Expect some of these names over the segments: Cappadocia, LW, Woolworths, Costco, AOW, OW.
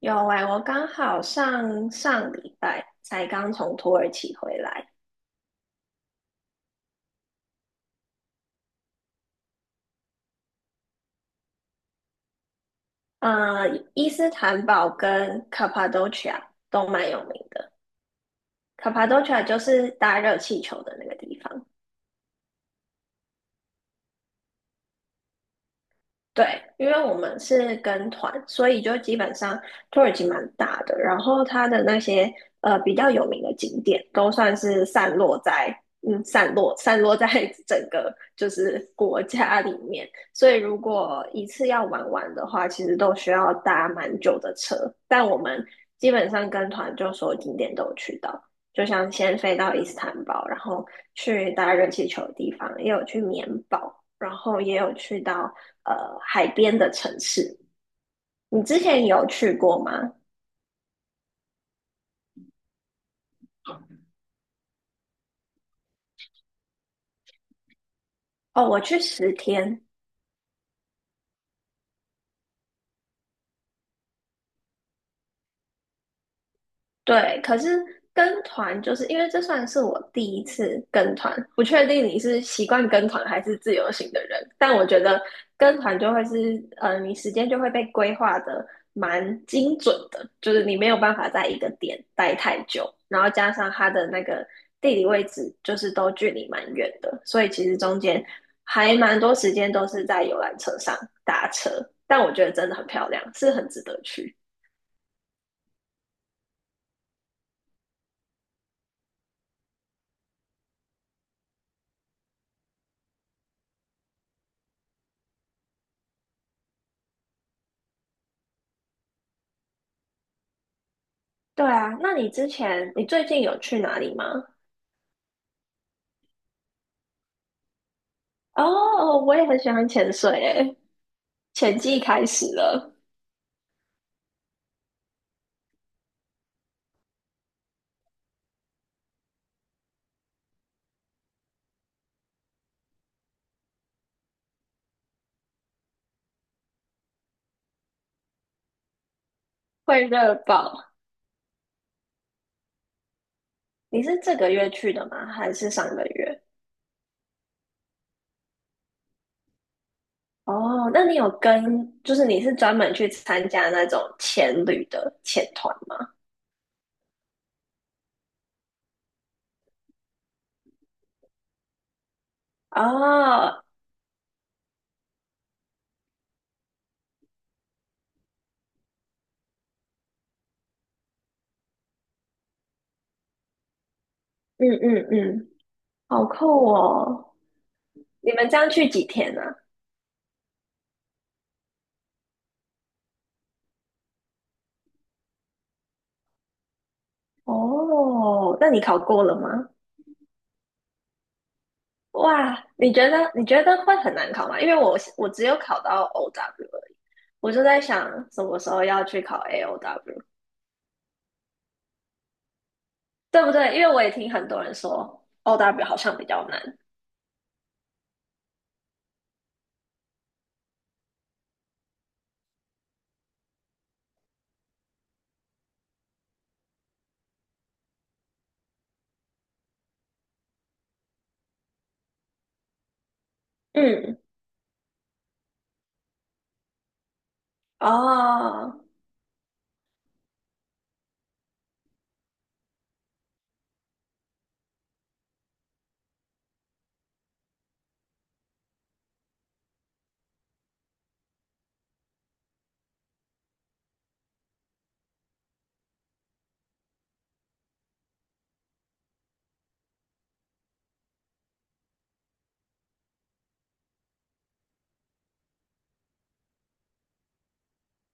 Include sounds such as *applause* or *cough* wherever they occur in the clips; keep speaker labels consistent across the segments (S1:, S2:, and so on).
S1: 有哎、我刚好上上礼拜才刚从土耳其回来。呃，伊斯坦堡跟 Cappadocia 都蛮有名的。Cappadocia 就是搭热气球的那个地方。对，因为我们是跟团，所以就基本上土耳其蛮大的，然后它的那些比较有名的景点都算是散落在 *laughs* 整个就是国家里面，所以如果一次要玩完的话，其实都需要搭蛮久的车，但我们基本上跟团就所有景点都有去到，就像先飞到伊斯坦堡，然后去搭热气球的地方，也有去棉堡。然后也有去到海边的城市。你之前有去过吗？哦，我去10天，对，可是跟团就是因为这算是我第一次跟团，不确定你是习惯跟团还是自由行的人，但我觉得跟团就会是，你时间就会被规划的蛮精准的，就是你没有办法在一个点待太久，然后加上它的那个地理位置就是都距离蛮远的，所以其实中间还蛮多时间都是在游览车上搭车，但我觉得真的很漂亮，是很值得去。对啊，那你之前你最近有去哪里吗？哦，我也很喜欢潜水诶，潜季开始了，会热爆。你是这个月去的吗？还是上个月？哦，那你有跟，就是你是专门去参加那种潜旅的潜团吗？哦，嗯嗯嗯，好酷哦！你们这样去几天呢、啊？哦，那你考过了吗？哇，你觉得会很难考吗？因为我只有考到 OW 而已，我就在想什么时候要去考 AOW，对不对？因为我也听很多人说 OW 好像比较难。嗯，哦，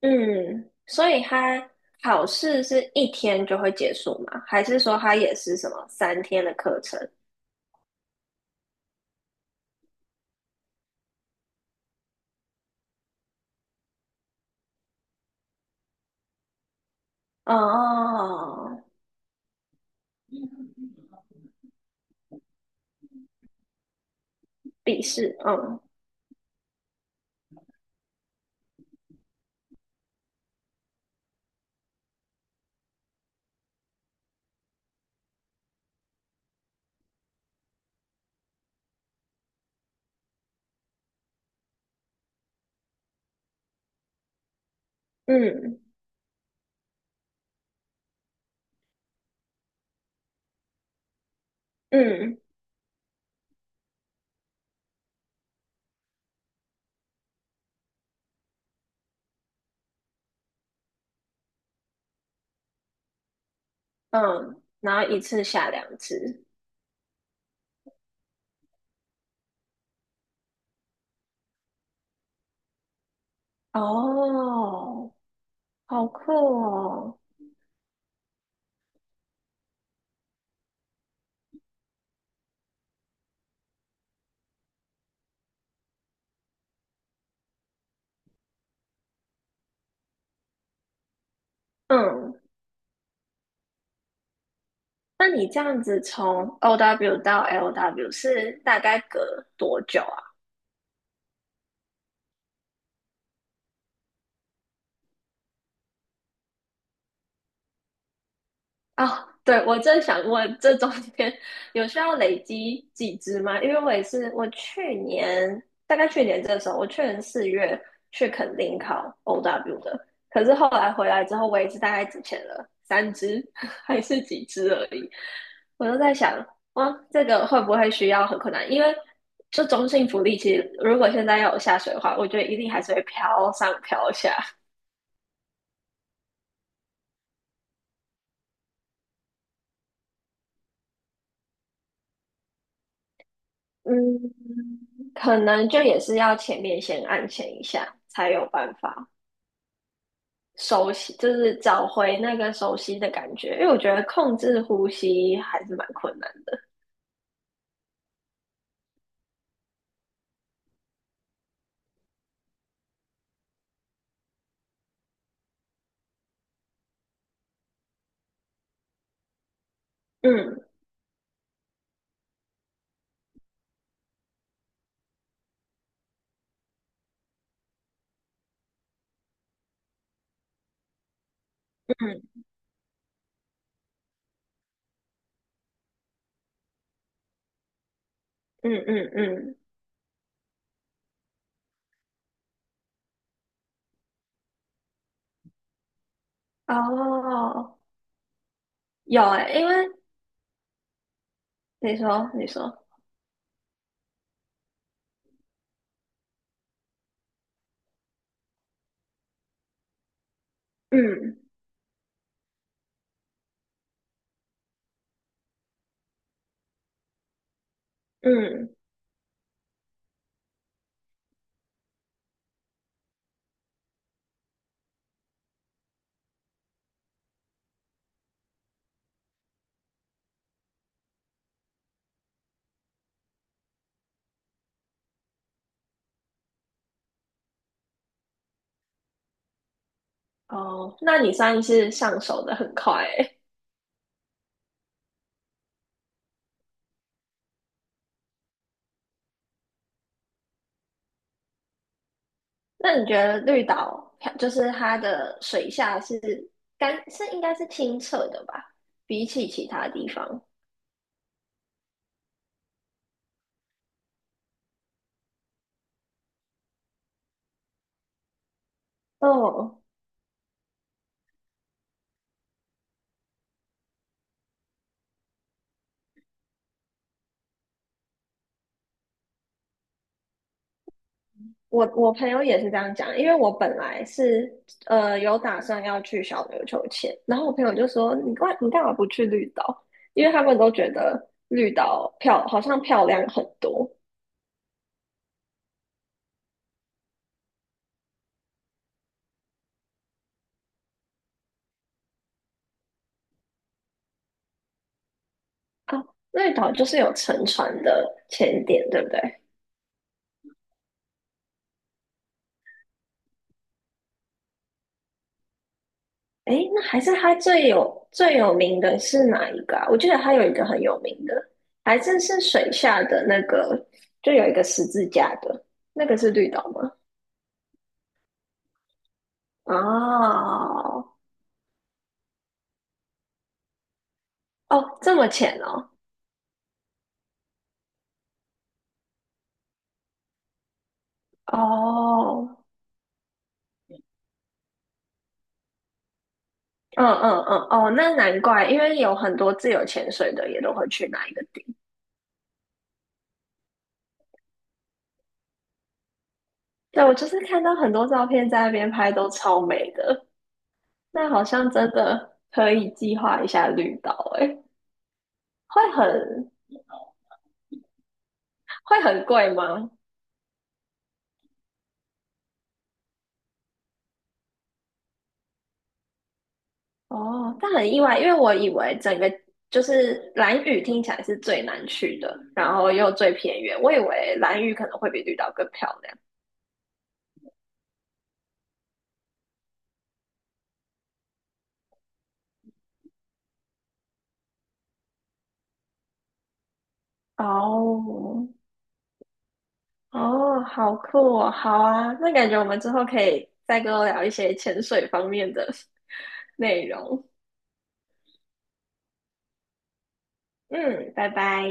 S1: 嗯，所以它考试是一天就会结束吗？还是说它也是什么3天的课程？哦，笔试，嗯嗯嗯嗯，然后一次下2次。哦，好酷哦。嗯，那你这样子从 OW 到 LW 是大概隔多久？啊？啊，对，我正想问，这中间有需要累积几只吗？因为我也是，我去年大概去年这个时候，我去年4月去肯定考 OW 的，可是后来回来之后，我也是大概只签了3只 *laughs* 还是几只而已。我就在想，哇，这个会不会需要很困难？因为这中性福利，其实如果现在要有下水的话，我觉得一定还是会飘上飘下。嗯，可能就也是要前面先按前一下，才有办法熟悉，就是找回那个熟悉的感觉。因为我觉得控制呼吸还是蛮困难的。嗯嗯嗯嗯嗯，哦，有诶、因为你说，嗯嗯，哦，那你算是上手的很快诶、那你觉得绿岛就是它的水下是干是应该是清澈的吧？比起其他地方，哦，我朋友也是这样讲，因为我本来是有打算要去小琉球前，然后我朋友就说你干嘛不去绿岛？因为他们都觉得绿岛好像漂亮很多啊，绿岛就是有沉船的潜点，对不对？诶，那还是它最有名的是哪一个啊？我记得它有一个很有名的，还是是水下的那个，就有一个十字架的，那个是绿岛吗？哦，哦，这么浅哦，哦，嗯嗯嗯，哦，那难怪，因为有很多自由潜水的也都会去那一个地。对，我就是看到很多照片在那边拍，都超美的。那好像真的可以计划一下绿岛，诶，会很会很贵吗？哦，但很意外，因为我以为整个就是兰屿听起来是最难去的，然后又最偏远，我以为兰屿可能会比绿岛更漂亮。哦，哦，好酷哦，好啊，那感觉我们之后可以再跟我聊一些潜水方面的 *laughs* 内容。嗯，拜拜。